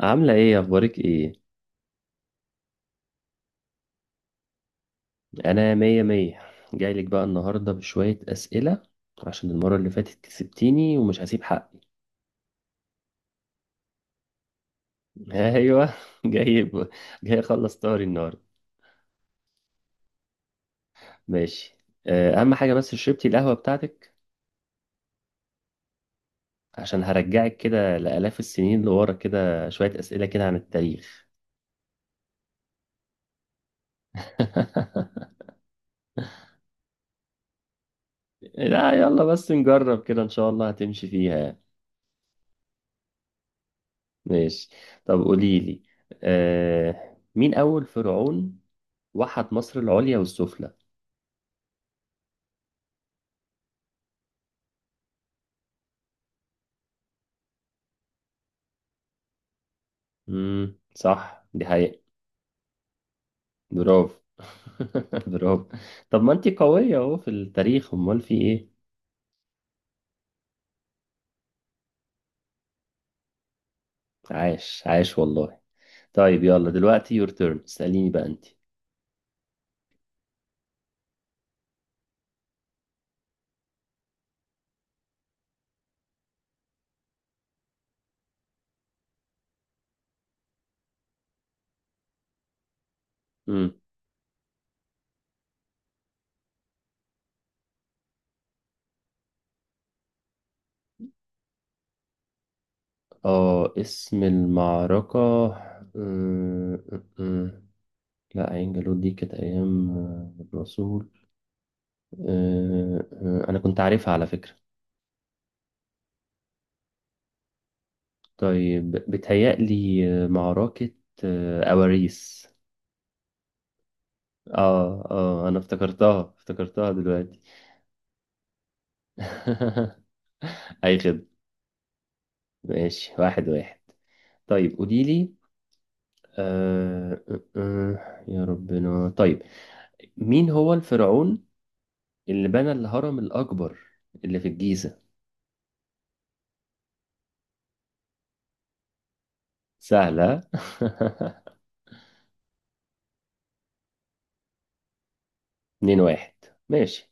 عاملة ايه اخبارك ايه؟ انا مية مية. جايلك بقى النهاردة بشوية اسئلة عشان المرة اللي فاتت كسبتيني ومش هسيب حقي. ايوه. جاي ب... جاي اخلص طاري النهاردة. ماشي. اهم حاجة بس شربتي القهوة بتاعتك؟ عشان هرجعك كده لآلاف السنين لورا كده شوية اسئلة كده عن التاريخ. لا يلا بس نجرب كده ان شاء الله هتمشي فيها. ماشي. طب قوليلي، مين اول فرعون وحد مصر العليا والسفلى؟ امم، صح دي حقيقة. برافو. برافو. طب ما انتي قوية اهو في التاريخ، امال في ايه؟ عاش عاش والله. طيب يلا دلوقتي يور تيرن اسأليني بقى انتي. امم. اه اسم المعركة. أمم، أمم. لا عين جالوت دي كانت ايام الرسول. آه، انا كنت عارفها على فكرة. طيب بتهيألي معركة أواريس. اه اه انا افتكرتها دلوقتي. اي خدمة. ماشي واحد واحد. طيب قولي لي، يا ربنا طيب، مين هو الفرعون اللي بنى الهرم الأكبر اللي في الجيزة؟ سهلة. اتنين واحد. ماشي.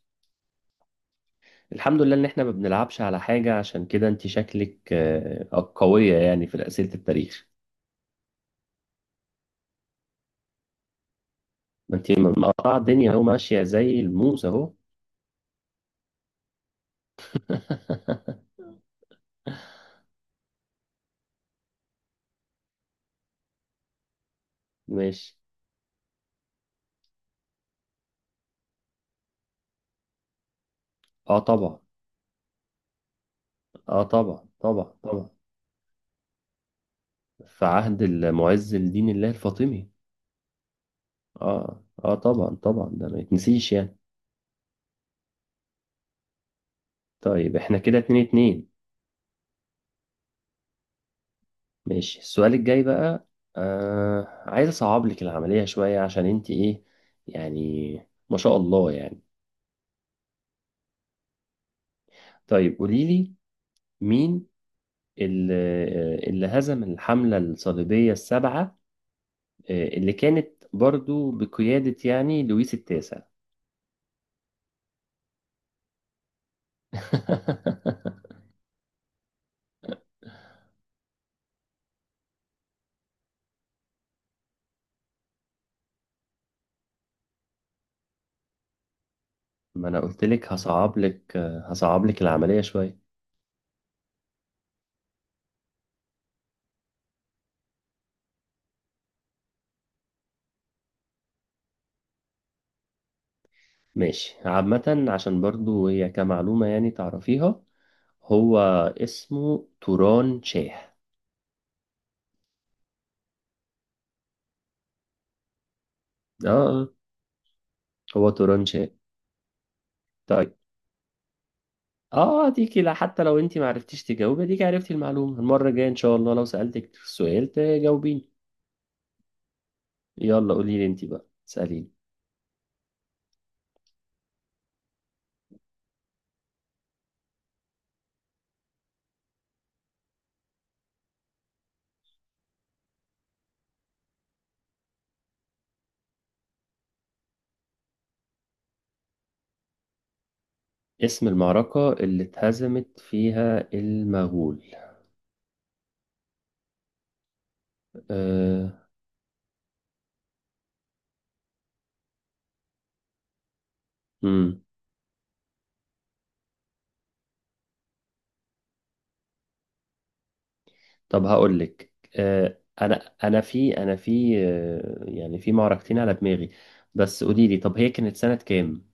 الحمد لله ان احنا ما بنلعبش على حاجة، عشان كده انت شكلك قوية يعني في أسئلة التاريخ. ما انت مقطعة الدنيا اهو، ماشية زي الموز اهو. ماشي. اه طبعا. اه طبعا طبعا طبعا. في عهد المعز لدين الله الفاطمي. اه اه طبعا طبعا، ده ما يتنسيش يعني. طيب احنا كده اتنين اتنين. ماشي، السؤال الجاي بقى. آه عايز اصعب لك العملية شوية، عشان انت ايه، يعني ما شاء الله يعني. طيب قولي لي، مين اللي, اللي هزم الحملة الصليبية السبعة، اللي كانت برضو بقيادة يعني لويس التاسع؟ ما انا قلت لك هصعب لك، هصعب لك العملية شوية. ماشي عامة عشان برضو هي كمعلومة يعني تعرفيها. هو اسمه توران شاه. اه هو توران شاه. طيب اه ديكي لا حتى لو انت ما عرفتيش تجاوبي، ديكي عرفتي المعلومة، المرة الجاية ان شاء الله لو سألتك السؤال تجاوبيني. يلا قولي لي انت بقى سأليني. اسم المعركة اللي اتهزمت فيها المغول. آه. طب هقول لك، انا انا في يعني في معركتين على دماغي، بس قولي لي طب هي كانت سنة كام؟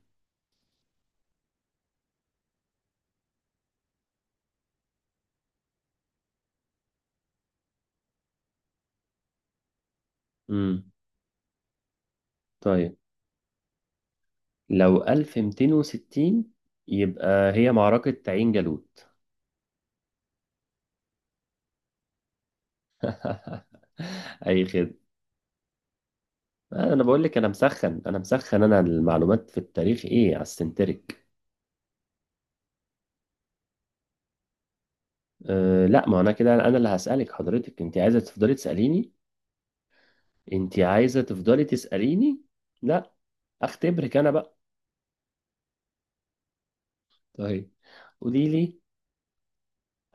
امم. طيب لو 1260 يبقى هي معركة عين جالوت. اي خدمة. انا بقول لك انا مسخن انا المعلومات في التاريخ ايه على السنتريك. أه لا ما انا كده انا اللي هسألك حضرتك. انت عايزة تفضلي تسأليني؟ انت عايزة تفضلي تسأليني لا اختبرك انا بقى. طيب قولي لي.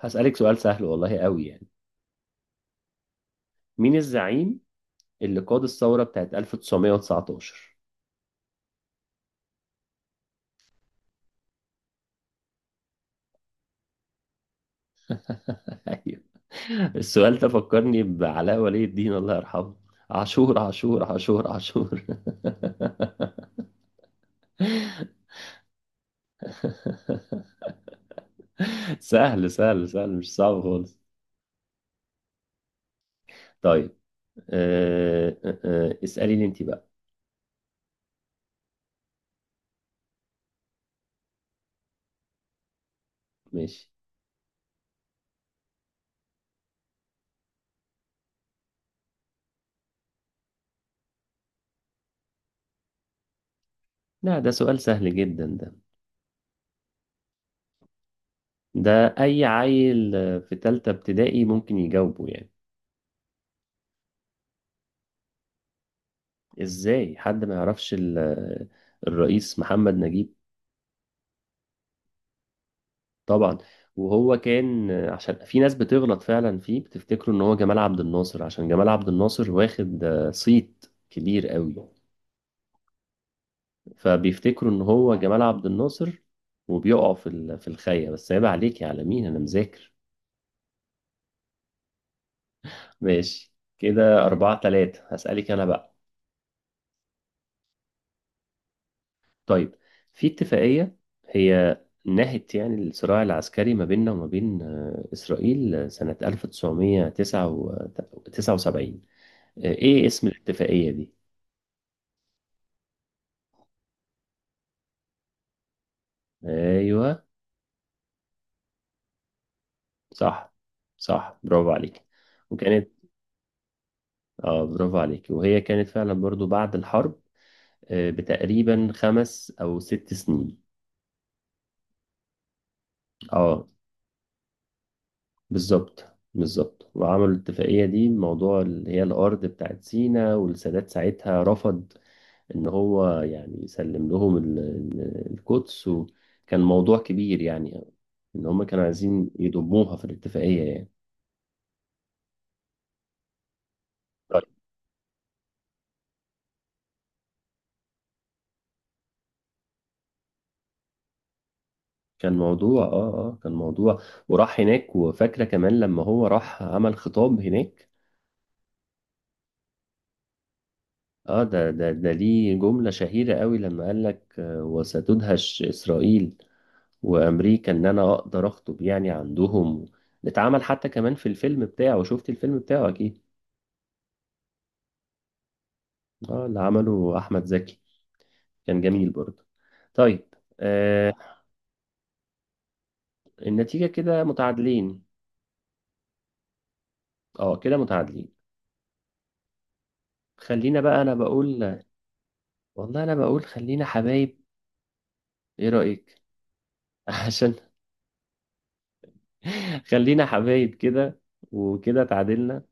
هسألك سؤال سهل والله قوي يعني. مين الزعيم اللي قاد الثورة بتاعت 1919؟ ايوه. السؤال ده فكرني بعلاء ولي الدين الله يرحمه. عاشور عاشور عاشور عاشور. سهل سهل سهل مش صعب خالص. طيب أه أه، اسأليني انت بقى. ماشي. لا ده سؤال سهل جدا ده، ده اي عيل في تالتة ابتدائي ممكن يجاوبه يعني. ازاي حد ما يعرفش الرئيس محمد نجيب؟ طبعا. وهو كان عشان في ناس بتغلط فعلا فيه بتفتكره ان هو جمال عبد الناصر، عشان جمال عبد الناصر واخد صيت كبير قوي. فبيفتكروا ان هو جمال عبد الناصر وبيقعوا في في الخاية، بس عيب عليك يا عالمين انا مذاكر. ماشي كده أربعة تلاتة، هسألك أنا بقى. طيب، في اتفاقية هي نهت يعني الصراع العسكري ما بيننا وما بين إسرائيل سنة 1979، إيه اسم الاتفاقية دي؟ ايوه صح. صح برافو عليك. وكانت اه برافو عليك، وهي كانت فعلا برضو بعد الحرب بتقريبا خمس او ست سنين. اه بالظبط، بالظبط. وعملوا الاتفاقية دي موضوع اللي هي الارض بتاعت سينا، والسادات ساعتها رفض ان هو يعني يسلم لهم القدس، وكان موضوع كبير يعني، ان هم كانوا عايزين يضموها في الاتفاقية يعني. كان موضوع اه اه كان موضوع. وراح هناك، وفاكرة كمان لما هو راح عمل خطاب هناك. اه ده ده ده ليه جملة شهيرة قوي لما قال لك، وستدهش إسرائيل وأمريكا إن أنا أقدر أخطب يعني عندهم. اتعمل حتى كمان في الفيلم بتاعه، شفت الفيلم بتاعه أكيد. اه اللي عمله أحمد زكي، كان جميل برضه. طيب آه. النتيجة كده متعادلين. اه كده متعادلين. خلينا بقى أنا بقول، والله أنا بقول خلينا حبايب، إيه رأيك؟ عشان خلينا حبايب كده وكده تعادلنا،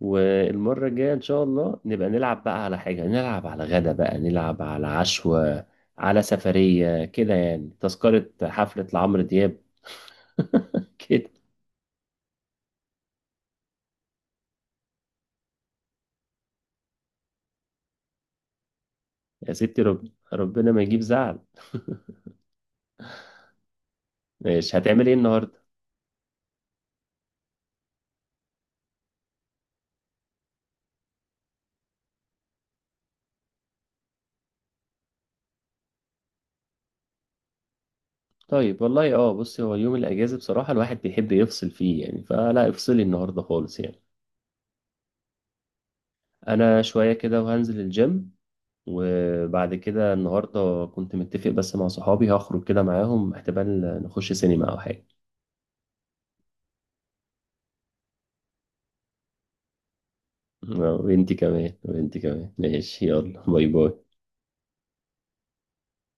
والمرة الجاية إن شاء الله نبقى نلعب بقى على حاجة، نلعب على غدا بقى، نلعب على عشوة، على سفرية كده يعني، تذكرة حفلة لعمرو دياب. كده. يا ستي، ربنا ما يجيب زعل. مش هتعمل ايه النهاردة؟ طيب والله اه بصي، هو يوم الأجازة بصراحة الواحد بيحب يفصل فيه يعني، فلا افصلي النهاردة خالص يعني. أنا شوية كده وهنزل الجيم، وبعد كده النهارده كنت متفق بس مع صحابي هخرج كده معاهم، احتمال نخش سينما او حاجه. وانتي كمان، وانتي كمان، ماشي يلا باي باي.